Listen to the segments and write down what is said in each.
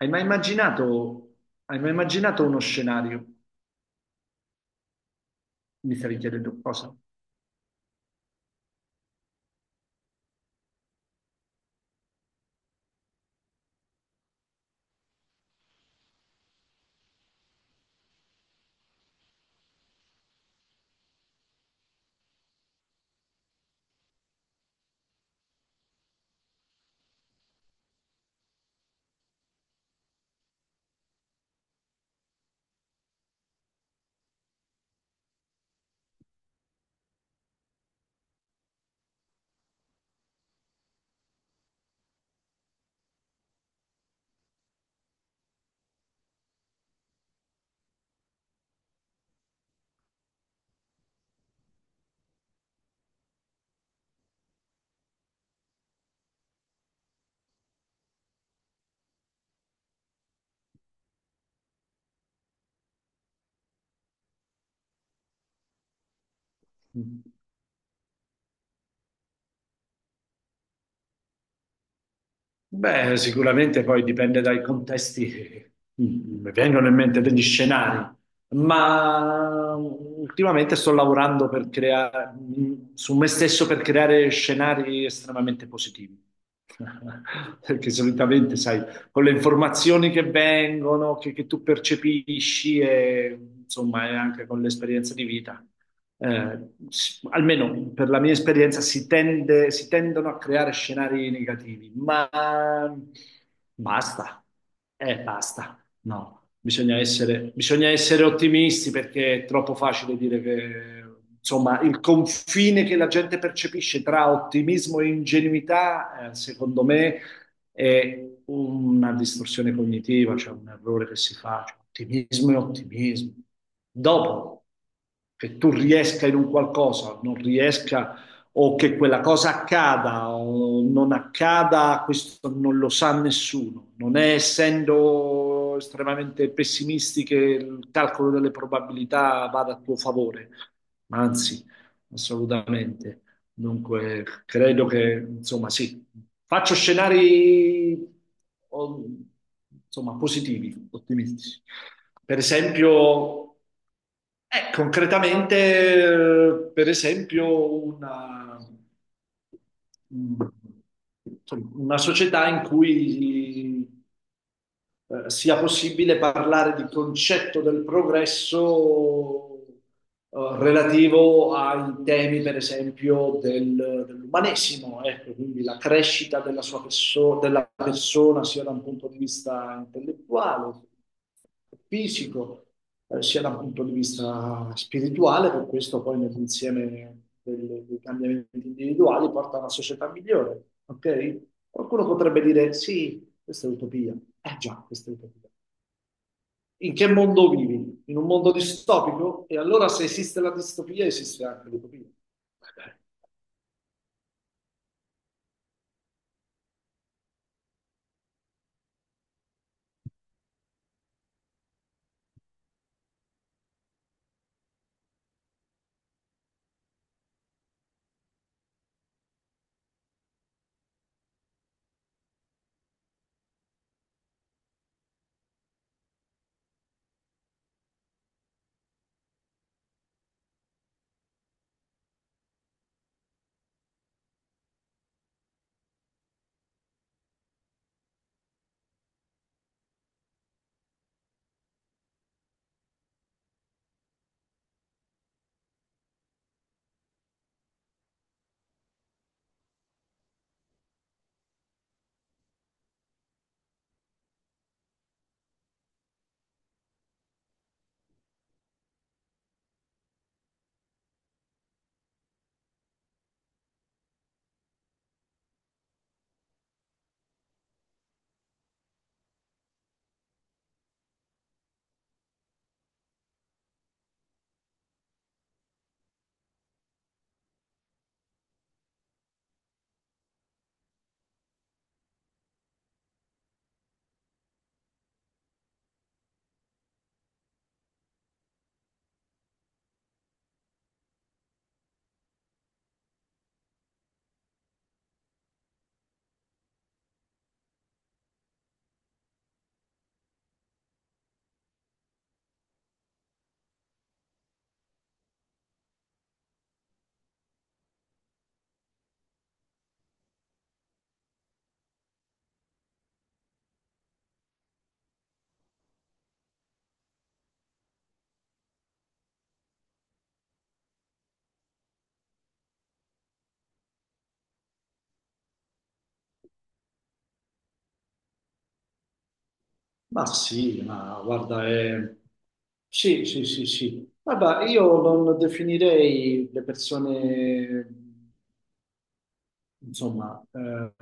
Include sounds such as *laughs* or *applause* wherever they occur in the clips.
Hai mai immaginato, hai mai immaginato uno scenario? Mi stavi chiedendo cosa? Mm. Beh, sicuramente poi dipende dai contesti che mi vengono in mente degli scenari, ma ultimamente sto lavorando per su me stesso per creare scenari estremamente positivi. *laughs* Perché solitamente, sai, con le informazioni che vengono, che tu percepisci e insomma, e anche con l'esperienza di vita. eh, Almeno per la mia esperienza, si tendono a creare scenari negativi, ma basta, basta, no, bisogna essere ottimisti perché è troppo facile dire che, insomma, il confine che la gente percepisce tra ottimismo e ingenuità, secondo me, è una distorsione cognitiva, cioè un errore che si fa, cioè ottimismo e ottimismo. Dopo che tu riesca in un qualcosa, non riesca o che quella cosa accada o non accada, questo non lo sa nessuno. Non è essendo estremamente pessimisti che il calcolo delle probabilità vada a tuo favore, ma anzi, assolutamente. Dunque, credo che, insomma, sì, faccio scenari, o- insomma, positivi, ottimistici. Per esempio, concretamente, per esempio, mm, insomma, una società in cui sia possibile parlare di concetto del progresso relativo ai temi, per esempio, dell'umanesimo, ecco, quindi la crescita della della persona sia da un punto di vista intellettuale, fisico, sia da un punto di vista spirituale, per questo poi nell'insieme dei cambiamenti individuali porta a una società migliore, ok? Qualcuno potrebbe dire, sì, questa è utopia. Eh già, questa è utopia. In che mondo vivi? In un mondo distopico? E allora se esiste la distopia, esiste anche l'utopia. Vabbè. Ma sì, ma guarda, è... Sì, sì, sì, sì. Guarda, io non definirei le persone insomma,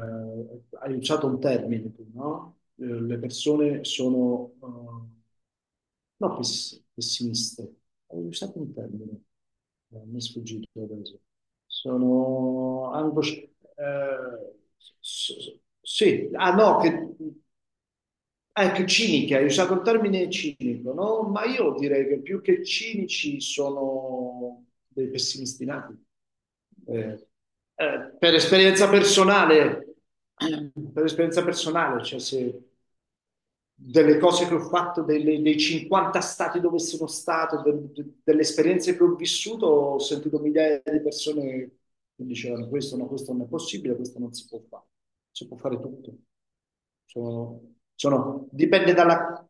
hai usato un termine tu, no? Le persone sono, no, pess- pessimiste, hai usato un termine, mi è sfuggito adesso. Sono angosciate, sì, ah no, che ecco, ciniche, hai usato il termine cinico, no? Ma io direi che più che cinici sono dei pessimisti nati. Eh, per esperienza personale, per esperienza personale, cioè se, delle cose che ho fatto, dei 50 stati dove sono stato, delle esperienze che ho vissuto, ho sentito migliaia di persone che dicevano questo, no, questo non è possibile, questo non si può fare, si può fare tutto. Sono, dipende dalla...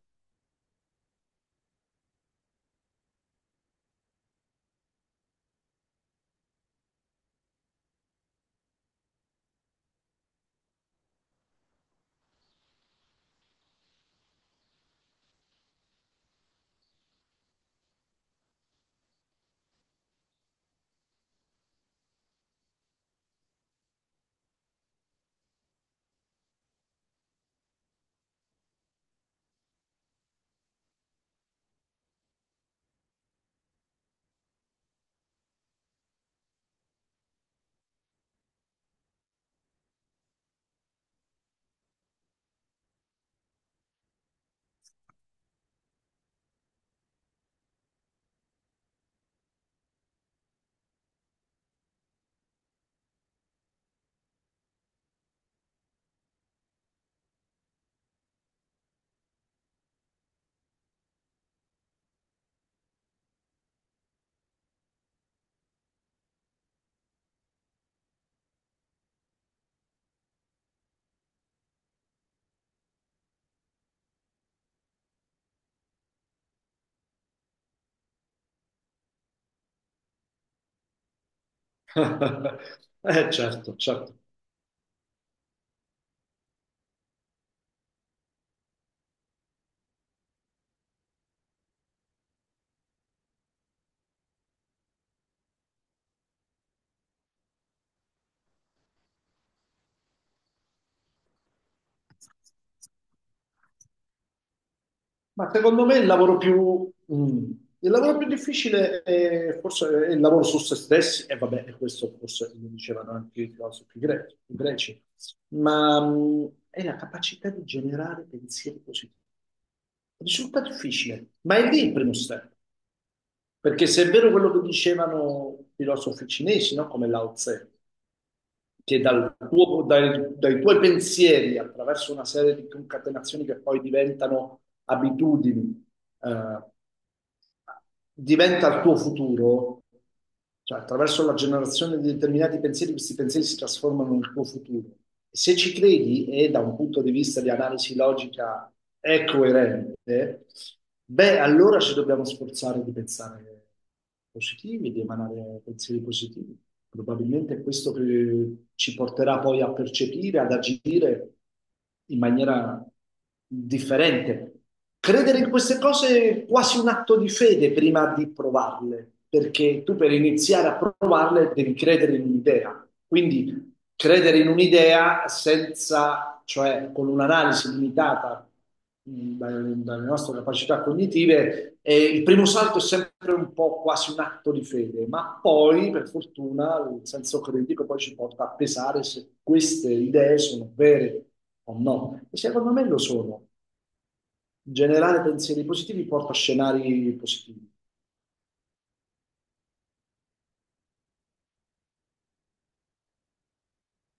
*laughs* Certo, certo. Ma secondo me il lavoro il lavoro più difficile è forse è il lavoro su se stessi, e vabbè, e questo forse lo dicevano anche i i greci, ma mm, è la capacità di generare pensieri positivi. Risulta difficile, ma è lì il primo step, perché se è vero quello che dicevano i filosofi cinesi, no? Come Lao Tse, che dai tuoi pensieri, attraverso una serie di concatenazioni che poi diventano abitudini, eh, diventa il tuo futuro, cioè attraverso la generazione di determinati pensieri, questi pensieri si trasformano nel tuo futuro. Se ci credi e da un punto di vista di analisi logica è coerente, beh, allora ci dobbiamo sforzare di pensare positivi, di emanare pensieri positivi. Probabilmente è questo che ci porterà poi a percepire, ad agire in maniera differente. Credere in queste cose è quasi un atto di fede prima di provarle, perché tu per iniziare a provarle devi credere in un'idea. Quindi credere in un'idea senza, cioè con un'analisi limitata dalle nostre capacità cognitive, il primo salto è sempre un po' quasi un atto di fede, ma poi, per fortuna, il senso critico poi ci porta a pesare se queste idee sono vere o no. E secondo me lo sono. In generale, pensieri positivi porta a scenari positivi.